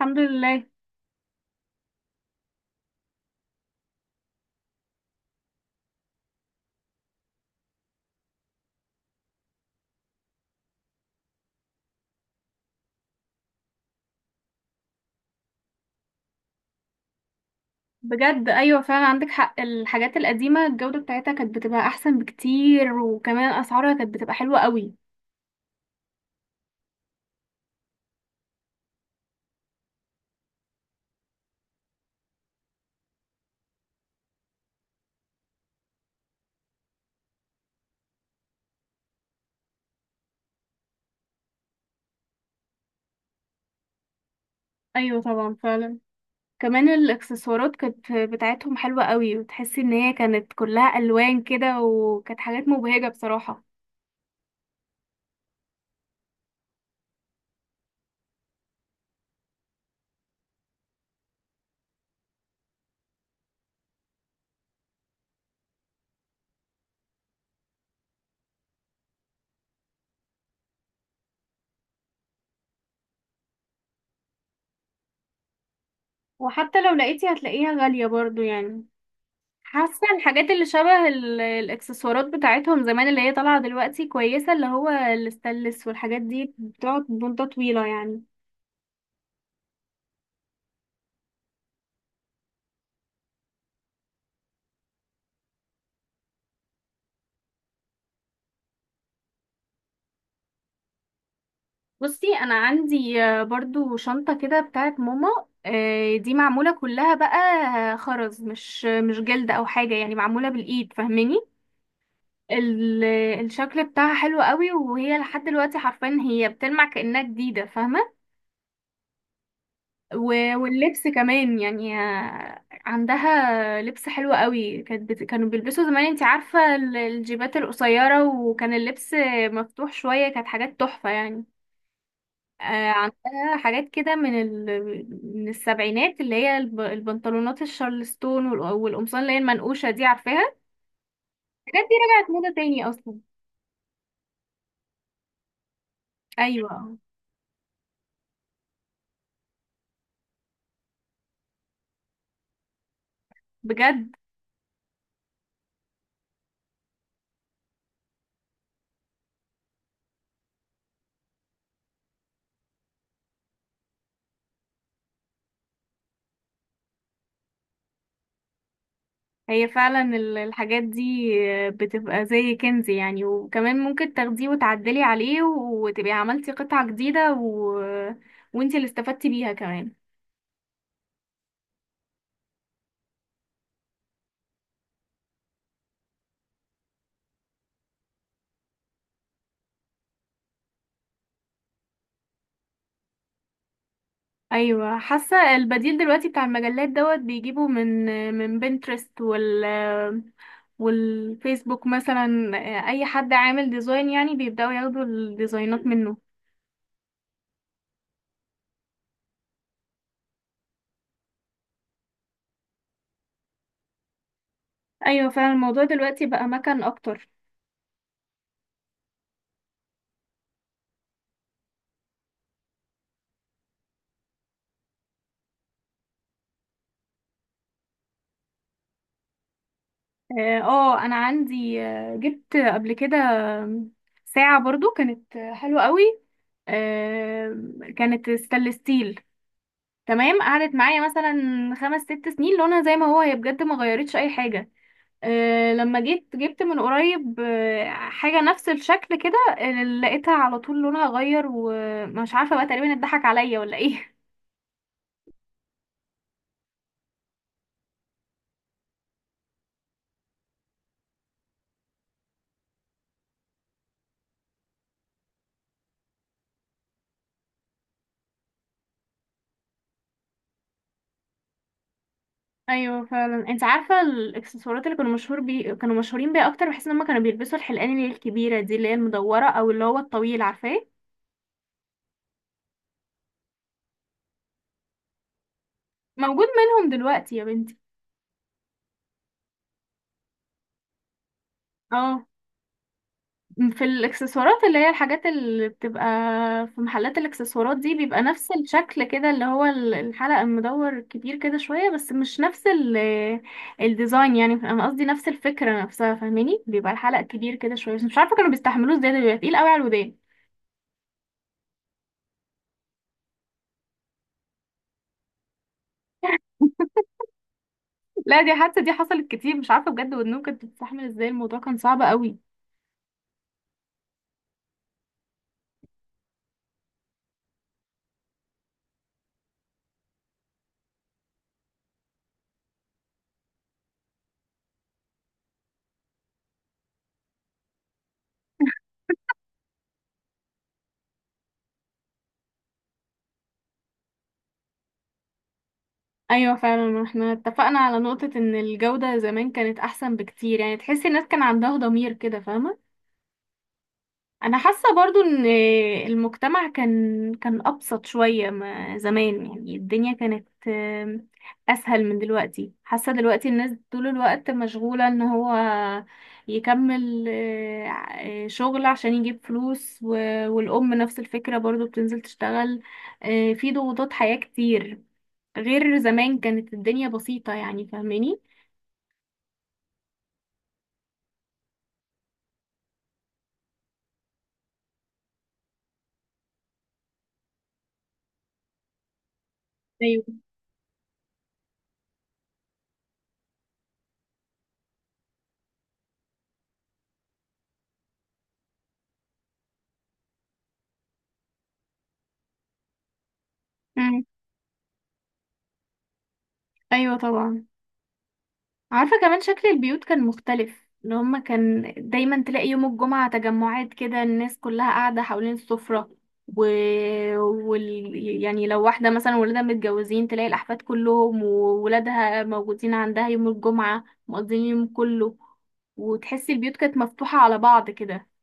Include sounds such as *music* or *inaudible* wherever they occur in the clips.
الحمد لله. بجد، ايوه فعلا عندك حق، الحاجات القديمه الجوده بتاعتها كانت بتبقى احسن بكتير، وكمان اسعارها كانت بتبقى حلوه قوي. ايوه طبعا فعلا. كمان الاكسسوارات كانت بتاعتهم حلوه قوي، وتحسي ان هي كانت كلها الوان كده، وكانت حاجات مبهجه بصراحه. وحتى لو لقيتي هتلاقيها غاليه برضو يعني. حاسه الحاجات اللي شبه الاكسسوارات بتاعتهم زمان اللي هي طالعه دلوقتي كويسه، اللي هو الستانلس، والحاجات دي بتقعد مده طويله يعني. بصي، انا عندي برضو شنطة كده بتاعت ماما. دي معمولة كلها بقى، خرز، مش جلد او حاجة يعني، معمولة بالايد فاهماني. ال- الشكل بتاعها حلو قوي، وهي لحد دلوقتي حرفيا هي بتلمع كأنها جديدة فاهمة. واللبس كمان يعني، عندها لبس حلو قوي. كانوا بيلبسوا زمان، انتي عارفة الجيبات القصيرة، وكان اللبس مفتوح شوية، كانت حاجات تحفة يعني. آه، عندها حاجات كده من السبعينات، اللي هي البنطلونات الشارلستون، والقمصان اللي هي المنقوشة دي عارفاها. الحاجات دي رجعت موضة تاني أصلا. أيوة بجد. هي فعلا الحاجات دي بتبقى زي كنز يعني، وكمان ممكن تاخديه وتعدلي عليه وتبقي عملتي قطعة جديدة، وانتي اللي استفدتي بيها كمان. ايوه، حاسه البديل دلوقتي بتاع المجلات دوت بيجيبوا من بنترست والفيسبوك مثلا، اي حد عامل ديزاين يعني بيبداوا ياخدوا الديزاينات منه. ايوه فعلا، الموضوع دلوقتي بقى مكان اكتر. اه، انا عندي، جبت قبل كده ساعه برضو كانت حلوه قوي، كانت ستانلس ستيل، تمام، قعدت معايا مثلا خمس ست سنين لونها زي ما هو، هي بجد ما غيرتش اي حاجه. لما جيت جبت من قريب حاجة نفس الشكل كده، لقيتها على طول لونها غير، ومش عارفة بقى تقريبا اتضحك عليا ولا ايه. *laughs* ايوه فعلا. انت عارفة الاكسسوارات اللي كانوا مشهورين بيها اكتر، بحيث ان هم كانوا بيلبسوا الحلقان اللي هي الكبيرة دي، اللي هي المدورة، او اللي هو الطويل عارفاه. موجود منهم دلوقتي يا بنتي. اه، في الاكسسوارات، اللي هي الحاجات اللي بتبقى في محلات الاكسسوارات دي، بيبقى نفس الشكل كده، اللي هو الحلقة المدور كبير كده شوية، بس مش نفس الديزاين يعني. انا قصدي نفس الفكرة نفسها فاهماني، بيبقى الحلقة كبير كده شوية، بس مش عارفة كانوا بيستحملوه ازاي، ده بيبقى تقيل قوي على الودان. لا، دي حادثة دي حصلت كتير، مش عارفة بجد ودنهم كانت بتستحمل ازاي، الموضوع كان صعب قوي. ايوه فعلا، احنا اتفقنا على نقطة ان الجودة زمان كانت احسن بكتير، يعني تحسي الناس كان عندها ضمير كده فاهمة. انا حاسه برضو ان المجتمع كان ابسط شويه ما زمان، يعني الدنيا كانت اسهل من دلوقتي. حاسه دلوقتي الناس طول الوقت مشغوله ان هو يكمل شغل عشان يجيب فلوس، والام نفس الفكره برضو بتنزل تشتغل. في ضغوطات حياه كتير، غير زمان كانت الدنيا بسيطه يعني فاهماني. ايوه. مم. ايوه طبعا. عارفة كمان شكل البيوت كان مختلف، اللي هما كان دايما تلاقي يوم الجمعة تجمعات كده، الناس كلها قاعدة حوالين السفرة. و... وال... يعني لو واحدة مثلا ولادها متجوزين تلاقي الأحفاد كلهم وولادها موجودين عندها يوم الجمعة مقضيين اليوم كله، وتحسي البيوت كانت مفتوحة على بعض كده. *laughs*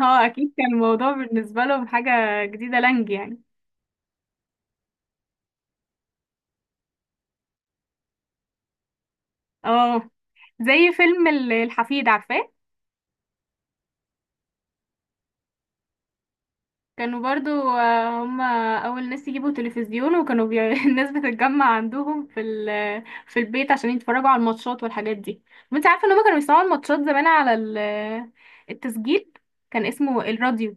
اه، أكيد كان الموضوع بالنسبة لهم حاجة جديدة لانج يعني. اه، زي فيلم الحفيد عارفاه. كانوا برضو هم اول ناس يجيبوا تلفزيون، *laughs* الناس بتتجمع عندهم في البيت عشان يتفرجوا على الماتشات والحاجات دي. وانت عارفه ان هم كانوا بيسمعوا الماتشات زمان على ال... التسجيل، كان اسمه الراديو.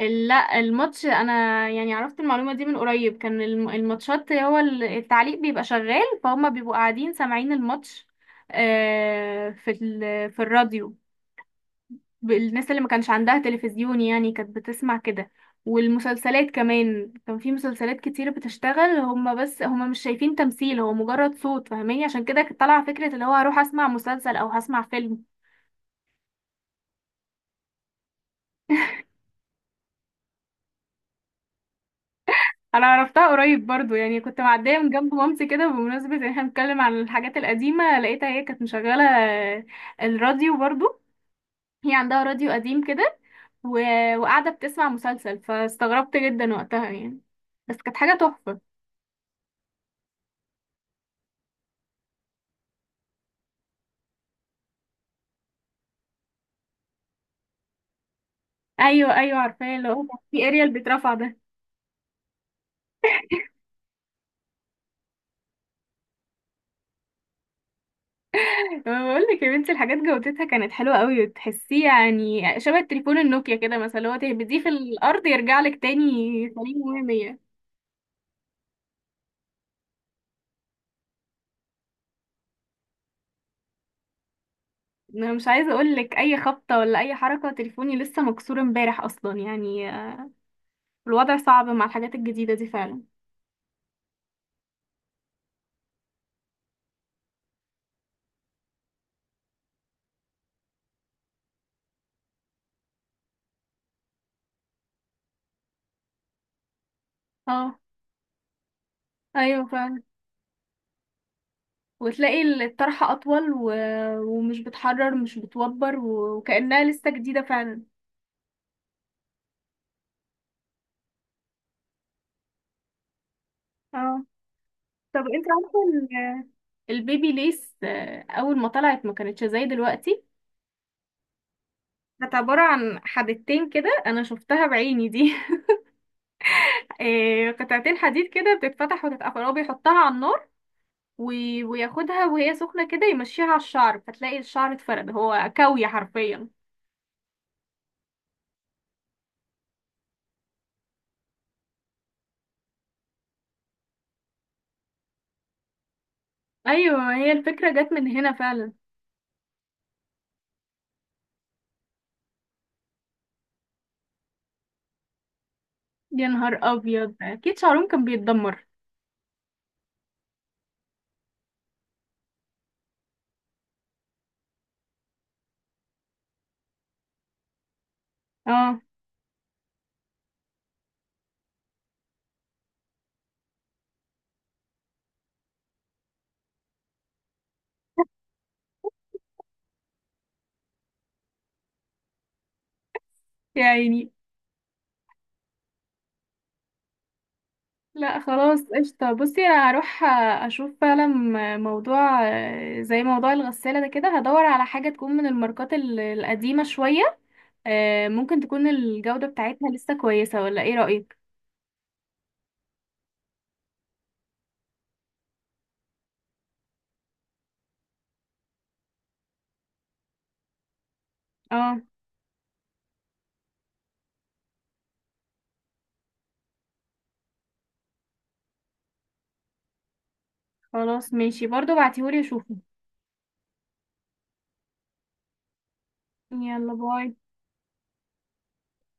لا، الماتش انا يعني عرفت المعلومه دي من قريب، كان الماتشات هو التعليق بيبقى شغال، فهم بيبقوا قاعدين سامعين الماتش، في الراديو. الناس اللي ما كانش عندها تلفزيون يعني كانت بتسمع كده. والمسلسلات كمان، كان في مسلسلات كتير بتشتغل هما، بس هما مش شايفين تمثيل، هو مجرد صوت فاهماني، عشان كده كانت طالعة فكرة اللي هو هروح اسمع مسلسل او هسمع فيلم. انا عرفتها قريب برضو يعني، كنت معدية من جنب مامتي كده، بمناسبة ان احنا بنتكلم عن الحاجات القديمة، لقيتها هي كانت مشغلة الراديو برضو، هي عندها راديو قديم كده، و... وقاعدة بتسمع مسلسل، فاستغربت جدا وقتها يعني، بس كانت حاجة تحفة. ايوه ايوه عارفاه، اللي هو كان في اريال بيترفع ده. *laughs* أنا بقول لك يا بنتي الحاجات جودتها كانت حلوه قوي، وتحسيه يعني شبه التليفون النوكيا كده مثلا، اللي هو تهبديه في الارض يرجع لك تاني سليم 100. انا مش عايزه اقول لك، اي خبطه ولا اي حركه تليفوني لسه مكسور امبارح اصلا يعني، الوضع صعب مع الحاجات الجديده دي فعلا. اه، ايوه فعلا. وتلاقي الطرحه اطول، ومش بتحرر، مش بتوبر، وكانها لسه جديده فعلا. اه، طب انت عارفه البيبي ليس اول ما طلعت ما كانتش زي دلوقتي. كانت عبارة عن حدتين كده انا شفتها بعيني دي. *laughs* قطعتين حديد كده بتتفتح وتتقفل، هو بيحطها على النار وياخدها وهي سخنة كده يمشيها على الشعر، فتلاقي الشعر اتفرد، هو كوي حرفيا. ايوه، هي الفكرة جت من هنا فعلا. يا نهار ابيض، اكيد شعرهم كان بيتدمر. اه يعني. لا خلاص، قشطة. بصي انا هروح اشوف فعلا موضوع زي موضوع الغسالة ده، كده هدور على حاجة تكون من الماركات القديمة شوية، ممكن تكون الجودة بتاعتها لسه كويسة، ولا ايه رأيك؟ اه خلاص ماشي، برضو بعتيهولي اشوفه. يلا باي.